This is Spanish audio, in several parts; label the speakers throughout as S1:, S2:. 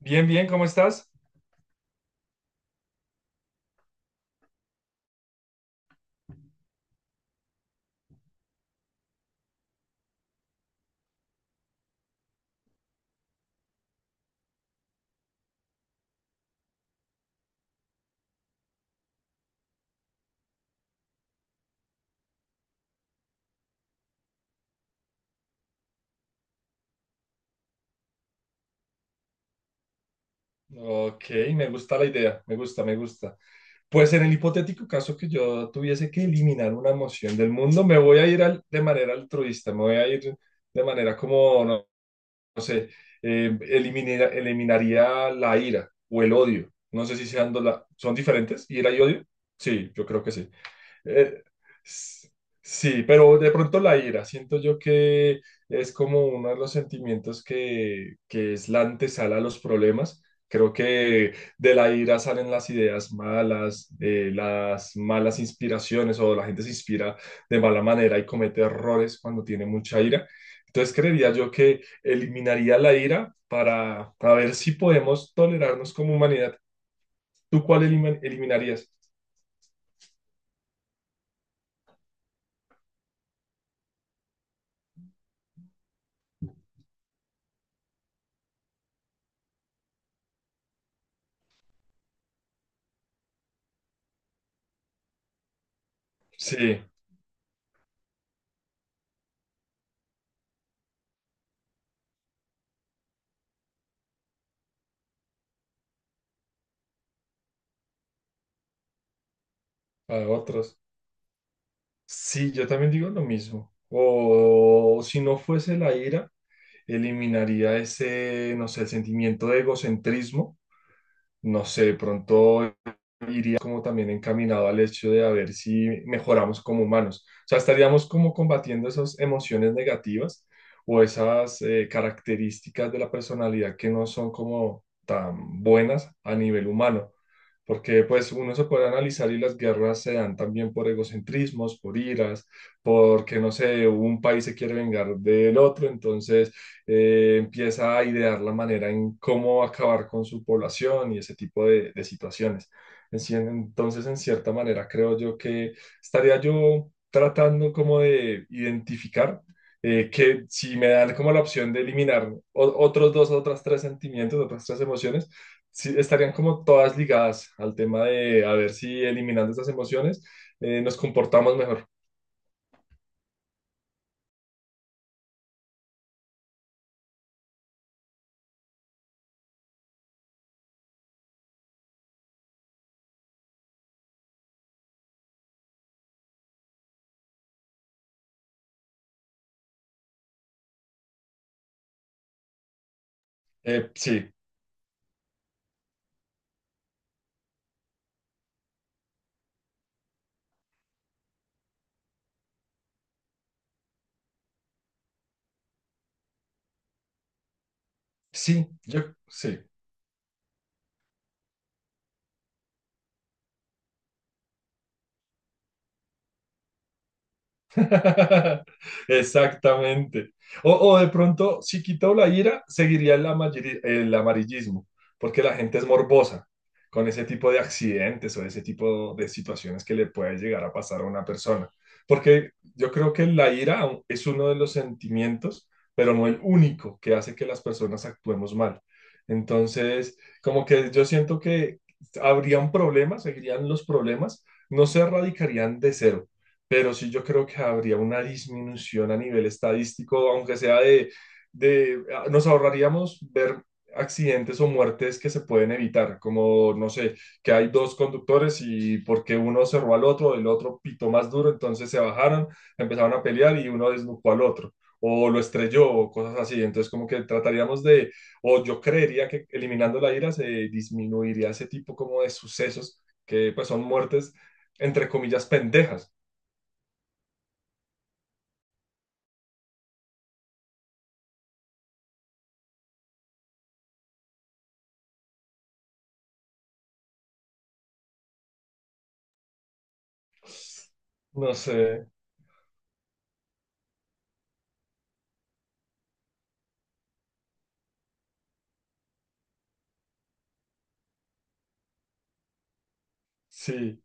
S1: Bien, bien, ¿cómo estás? Ok, me gusta la idea, me gusta, me gusta. Pues en el hipotético caso que yo tuviese que eliminar una emoción del mundo, me voy a ir de manera altruista, me voy a ir de manera como, no, no sé, eliminaría la ira o el odio. No sé si sean, son diferentes, ira y odio. Sí, yo creo que sí. Eh, s- sí, pero de pronto la ira, siento yo que es como uno de los sentimientos que es la antesala a los problemas. Creo que de la ira salen las ideas malas, las malas inspiraciones o la gente se inspira de mala manera y comete errores cuando tiene mucha ira. Entonces creería yo que eliminaría la ira para ver si podemos tolerarnos como humanidad. ¿Tú cuál eliminarías? Sí, a otros. Sí, yo también digo lo mismo. O si no fuese la ira, eliminaría ese, no sé, el sentimiento de egocentrismo. No sé, de pronto iría como también encaminado al hecho de a ver si mejoramos como humanos. O sea, estaríamos como combatiendo esas emociones negativas o esas características de la personalidad que no son como tan buenas a nivel humano. Porque pues uno se puede analizar y las guerras se dan también por egocentrismos, por iras, porque no sé, un país se quiere vengar del otro, entonces empieza a idear la manera en cómo acabar con su población y ese tipo de situaciones. Entonces, en cierta manera, creo yo que estaría yo tratando como de identificar que si me dan como la opción de eliminar otros dos, otras tres sentimientos, otras tres emociones, sí, estarían como todas ligadas al tema de a ver si eliminando estas emociones nos comportamos mejor. Sí, sí, yo sí. Exactamente. O de pronto, si quitó la ira, seguiría el amarillismo, porque la gente es morbosa con ese tipo de accidentes o ese tipo de situaciones que le puede llegar a pasar a una persona. Porque yo creo que la ira es uno de los sentimientos, pero no el único que hace que las personas actuemos mal. Entonces, como que yo siento que habrían problemas, seguirían los problemas, no se erradicarían de cero, pero sí yo creo que habría una disminución a nivel estadístico, aunque sea de, nos ahorraríamos ver accidentes o muertes que se pueden evitar, como, no sé, que hay dos conductores y porque uno cerró al otro, el otro pitó más duro, entonces se bajaron, empezaron a pelear y uno desnucó al otro, o lo estrelló, o cosas así. Entonces, como que o yo creería que eliminando la ira se disminuiría ese tipo como de sucesos que pues son muertes, entre comillas, pendejas. No sé, sí,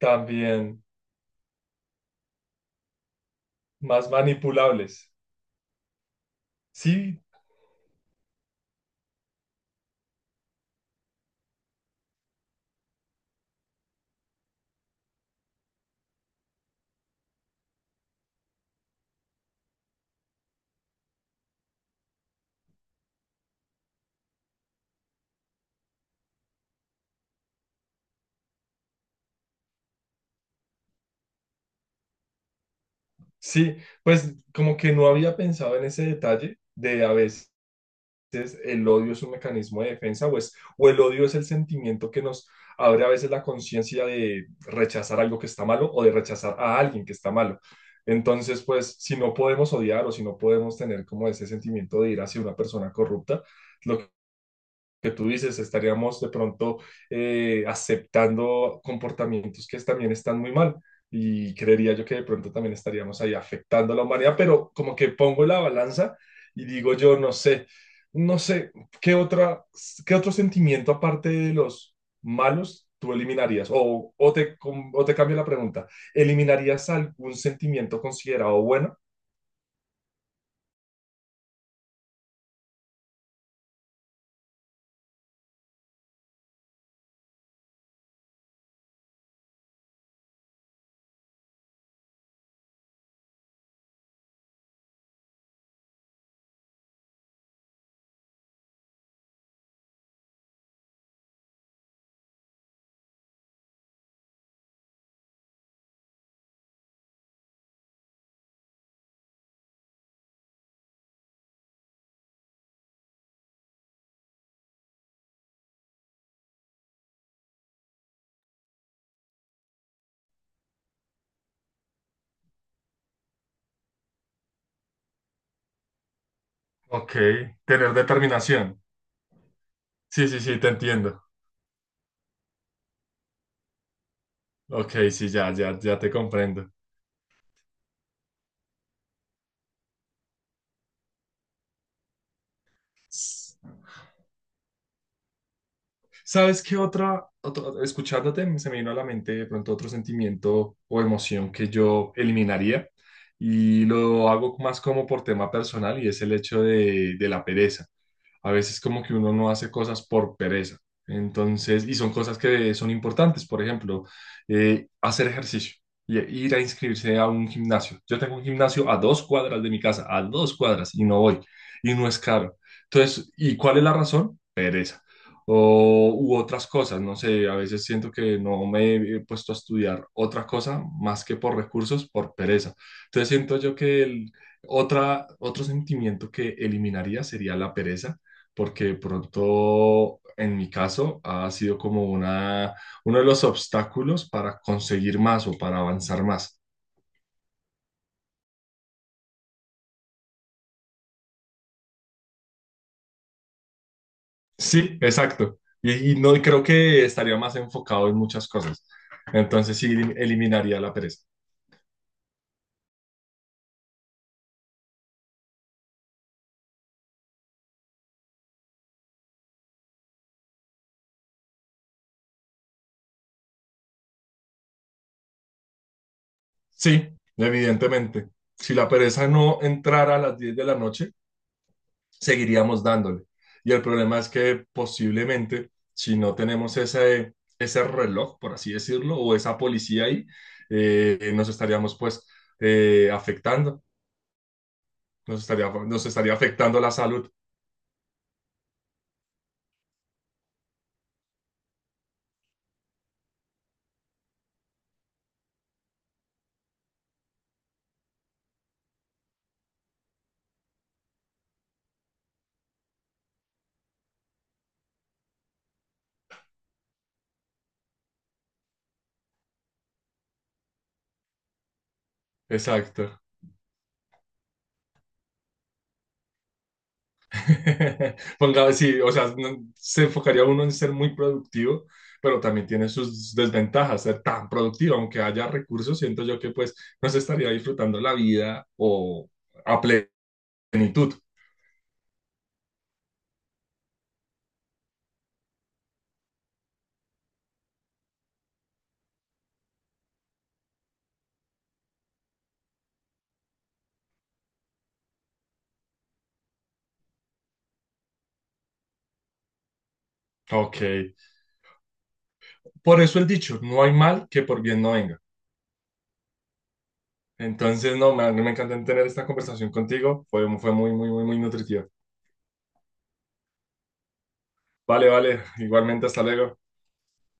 S1: también más manipulables. Sí, sí, pues como que no había pensado en ese detalle de a veces el odio es un mecanismo de defensa, pues o el odio es el sentimiento que nos abre a veces la conciencia de rechazar algo que está malo o de rechazar a alguien que está malo. Entonces, pues si no podemos odiar o si no podemos tener como ese sentimiento de ir hacia una persona corrupta, lo que tú dices, estaríamos de pronto aceptando comportamientos que también están muy mal. Y creería yo que de pronto también estaríamos ahí afectando a la humanidad, pero como que pongo la balanza y digo yo, no sé, no sé, ¿qué otra, qué otro sentimiento aparte de los malos tú eliminarías? O, o te cambio la pregunta, ¿eliminarías algún sentimiento considerado bueno? Ok, tener determinación. Sí, sí, sí, te entiendo. Ok, sí, ya, ya, ya te comprendo. ¿Sabes qué otra, escuchándote, se me vino a la mente de pronto otro sentimiento o emoción que yo eliminaría y lo hago más como por tema personal y es el hecho de la pereza. A veces como que uno no hace cosas por pereza. Entonces, y son cosas que son importantes, por ejemplo, hacer ejercicio y ir a inscribirse a un gimnasio. Yo tengo un gimnasio a dos cuadras de mi casa, a dos cuadras, y no voy, y no es caro. Entonces, ¿y cuál es la razón? Pereza o, u otras cosas, no sé, a veces siento que no me he puesto a estudiar otra cosa más que por recursos, por pereza. Entonces siento yo que otro sentimiento que eliminaría sería la pereza, porque de pronto en mi caso ha sido como uno de los obstáculos para conseguir más o para avanzar más. Sí, exacto. Y no, y creo que estaría más enfocado en muchas cosas. Entonces sí, eliminaría la pereza. Sí, evidentemente. Si la pereza no entrara a las 10 de la noche, seguiríamos dándole. Y el problema es que posiblemente, si no tenemos ese, ese reloj, por así decirlo, o esa policía ahí, nos estaríamos pues afectando, nos estaría afectando la salud. Exacto. Ponga, sí, o sea, se enfocaría uno en ser muy productivo, pero también tiene sus desventajas ser tan productivo, aunque haya recursos, siento yo que pues no se estaría disfrutando la vida o a plenitud. Ok, por eso el dicho, no hay mal que por bien no venga. Entonces, no, me encantó tener esta conversación contigo, fue, fue muy, muy, muy, muy nutritiva. Vale, vale, igualmente, hasta luego.